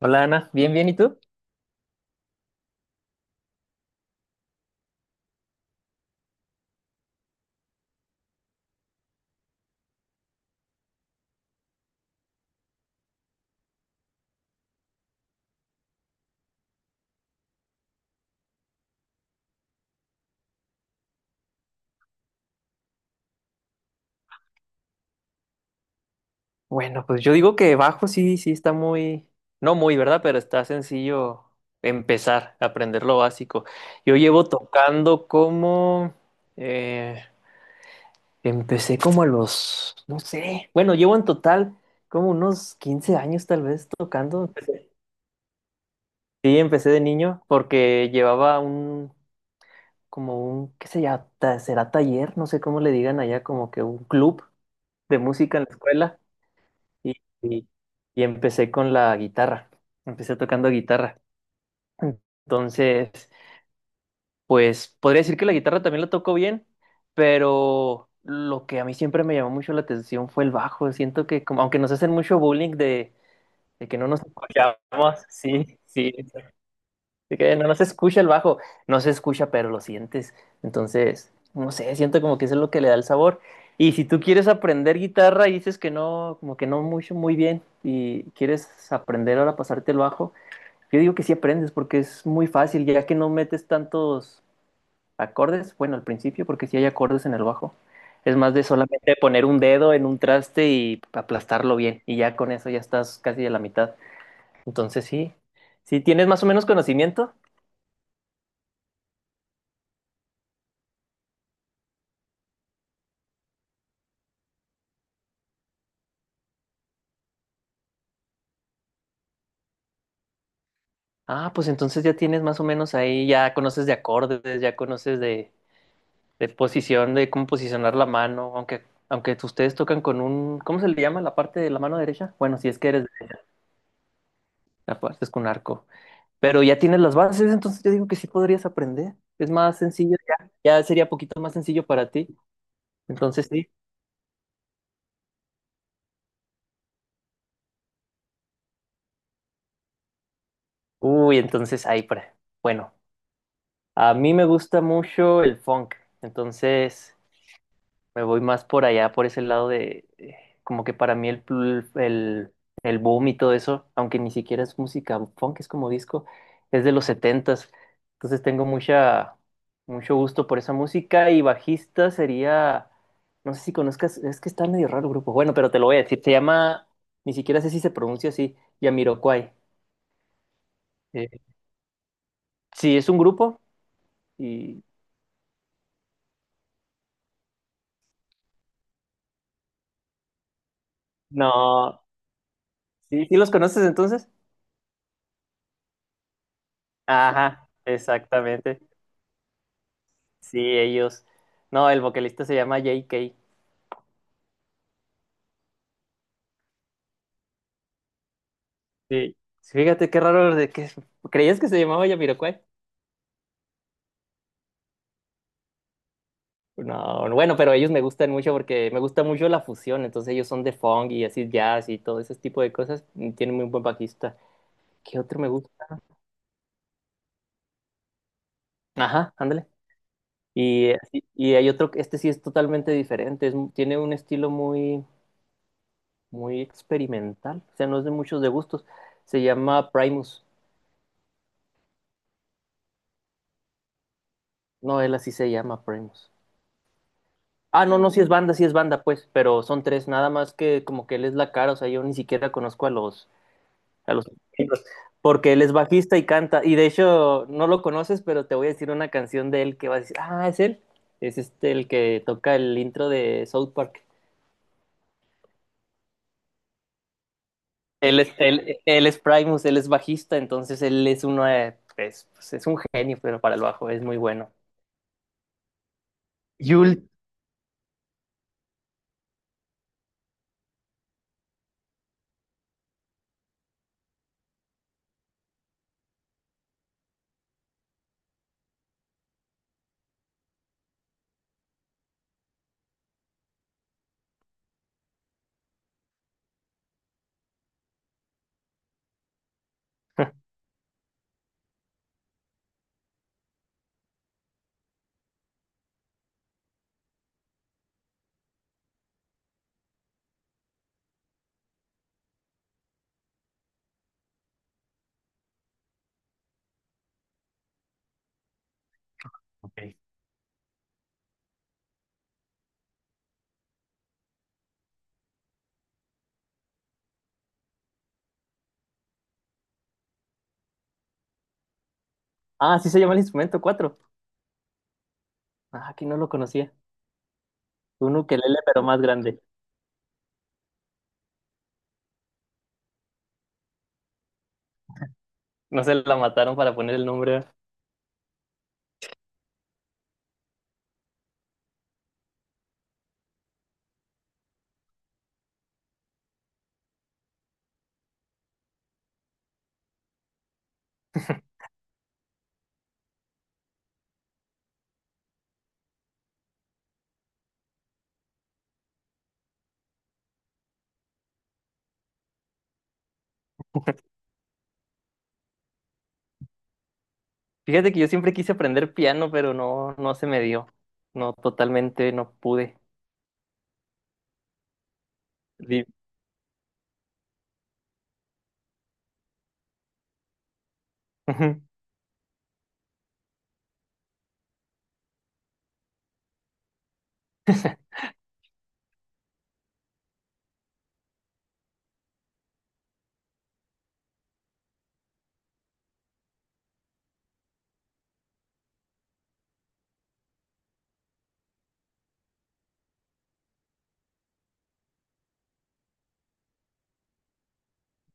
Hola Ana, bien, bien, ¿y tú? Bueno, pues yo digo que bajo sí, sí está muy, no muy, ¿verdad? Pero está sencillo empezar a aprender lo básico. Yo llevo tocando como, eh, empecé como a los, no sé, bueno, llevo en total como unos 15 años tal vez tocando. Sí, empecé de niño porque llevaba un, como un, qué sé ya, será taller, no sé cómo le digan allá, como que un club de música en la escuela. y, y- y empecé con la guitarra. Empecé tocando guitarra. Entonces, pues podría decir que la guitarra también la tocó bien, pero lo que a mí siempre me llamó mucho la atención fue el bajo. Siento que, como, aunque nos hacen mucho bullying de que no nos escuchamos, sí, sí, así que no, no se escucha el bajo, no se escucha, pero lo sientes. Entonces, no sé, siento como que eso es lo que le da el sabor. Y si tú quieres aprender guitarra y dices que no, como que no mucho, muy bien, y quieres aprender ahora a pasarte el bajo, yo digo que sí aprendes porque es muy fácil, ya que no metes tantos acordes, bueno, al principio, porque sí hay acordes en el bajo. Es más de solamente poner un dedo en un traste y aplastarlo bien, y ya con eso ya estás casi a la mitad. Entonces, sí, si tienes más o menos conocimiento. Ah, pues entonces ya tienes más o menos ahí, ya conoces de acordes, ya conoces de, posición, de cómo posicionar la mano, aunque ustedes tocan con un, ¿cómo se le llama la parte de la mano derecha? Bueno, si es que eres derecha, la parte es con arco. Pero ya tienes las bases, entonces yo digo que sí podrías aprender. Es más sencillo ya, sería poquito más sencillo para ti. Entonces sí. Uy, entonces ahí, bueno, a mí me gusta mucho el funk, entonces. Me voy más por allá, por ese lado de, como que para mí el, el boom y todo eso, aunque ni siquiera es música funk, es como disco, es de los setentas. Entonces tengo mucho gusto por esa música y bajista sería, no sé si conozcas, es que está medio raro el grupo. Bueno, pero te lo voy a decir, se llama, ni siquiera sé si se pronuncia así, Yamiroquai. Eh, sí, es un grupo y no, sí, ¿sí los conoces entonces? Ajá, exactamente. Sí, ellos. No, el vocalista se llama JK. Sí. Fíjate qué raro de que creías que se llamaba Jamiroquai. No, bueno, pero ellos me gustan mucho porque me gusta mucho la fusión, entonces ellos son de funk y así jazz y todo ese tipo de cosas. Y tienen muy buen bajista. ¿Qué otro me gusta? Ajá, ándale. Y hay otro, este sí es totalmente diferente, es tiene un estilo muy, muy experimental, o sea, no es de muchos de gustos. Se llama Primus. No, él así se llama Primus. Ah, no, no, si es banda, si es banda, pues, pero son tres, nada más que como que él es la cara, o sea, yo ni siquiera conozco a los, a los miembros, porque él es bajista y canta, y de hecho no lo conoces, pero te voy a decir una canción de él que vas a decir, ah, es él, es este el que toca el intro de South Park. Él es Primus, él es bajista, entonces él es uno, es, pues, es un genio, pero para el bajo es muy bueno. Yul. Ok. Ah, sí se llama el instrumento, cuatro. Ah, aquí no lo conocía. Un ukelele, pero más grande. No se la mataron para poner el nombre. Fíjate que yo siempre quise aprender piano, pero no, no se me dio. No, totalmente no pude. Di- Ujú.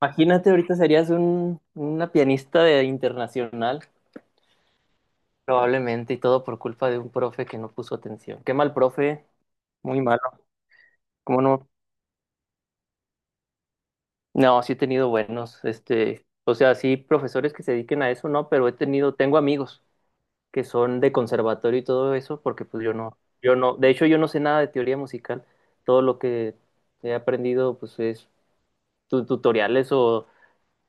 Imagínate, ahorita serías una pianista de internacional, probablemente, y todo por culpa de un profe que no puso atención. Qué mal profe, muy malo. ¿Cómo no? No, sí he tenido buenos, o sea, sí profesores que se dediquen a eso, no, pero tengo amigos. Que son de conservatorio y todo eso, porque pues yo no, de hecho yo no sé nada de teoría musical, todo lo que he aprendido pues es tutoriales o,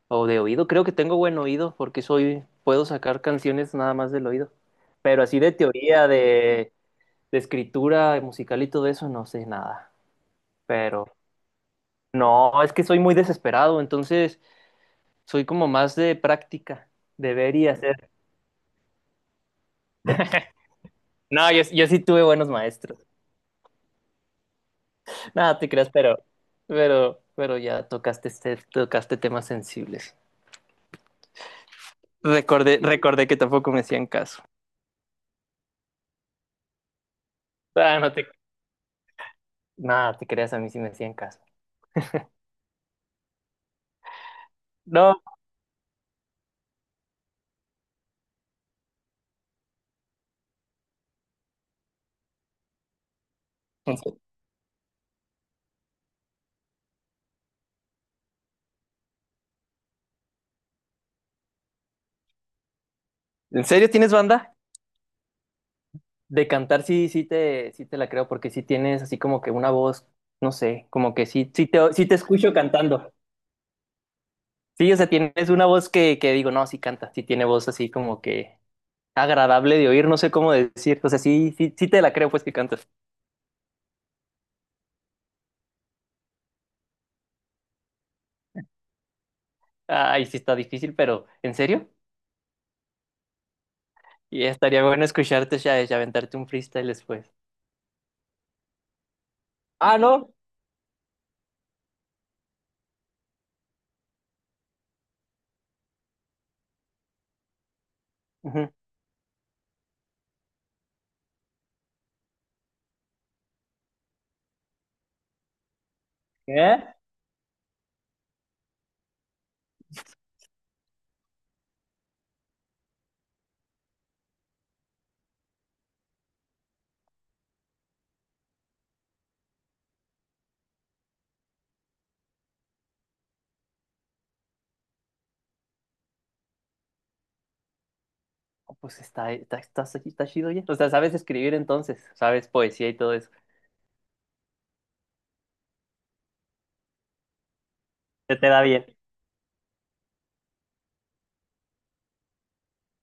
de oído, creo que tengo buen oído porque puedo sacar canciones nada más del oído, pero así de teoría, de, escritura musical y todo eso no sé nada, pero no, es que soy muy desesperado, entonces soy como más de práctica, de ver y hacer. No, yo, sí tuve buenos maestros. Nada, te creas, pero ya tocaste, tocaste temas sensibles. Recordé, recordé que tampoco me hacían caso. Ah, nada, te creas, a mí sí me hacían caso. No, ¿en serio, ¿En serio tienes banda? De cantar sí, sí te la creo, porque sí tienes así como que una voz, no sé, como que sí, sí te escucho cantando. Sí, o sea, tienes una voz que digo, no, sí canta, sí tiene voz así como que agradable de oír, no sé cómo decir. O sea, sí, sí, sí te la creo pues que cantas. Ay, sí está difícil, pero ¿en serio? Y estaría bueno escucharte, ya y aventarte un freestyle después. Ah, ¿no? Ujú. ¿Qué? Oh, pues está chido ya. O sea, sabes escribir entonces, sabes poesía y todo eso. Se te da bien.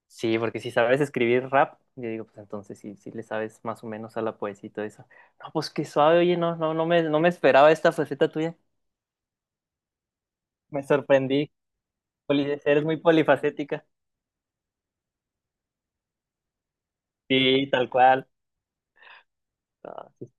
Sí, porque si sabes escribir rap, yo digo, pues entonces sí, sí le sabes más o menos a la poesía y todo eso. No, pues qué suave, oye, no me esperaba esta faceta tuya. Me sorprendí. Eres muy polifacética. Sí, tal cual. Ah, sí.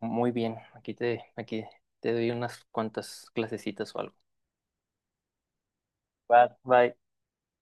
Muy bien, aquí te, doy unas cuantas clasecitas o algo. Va, bye.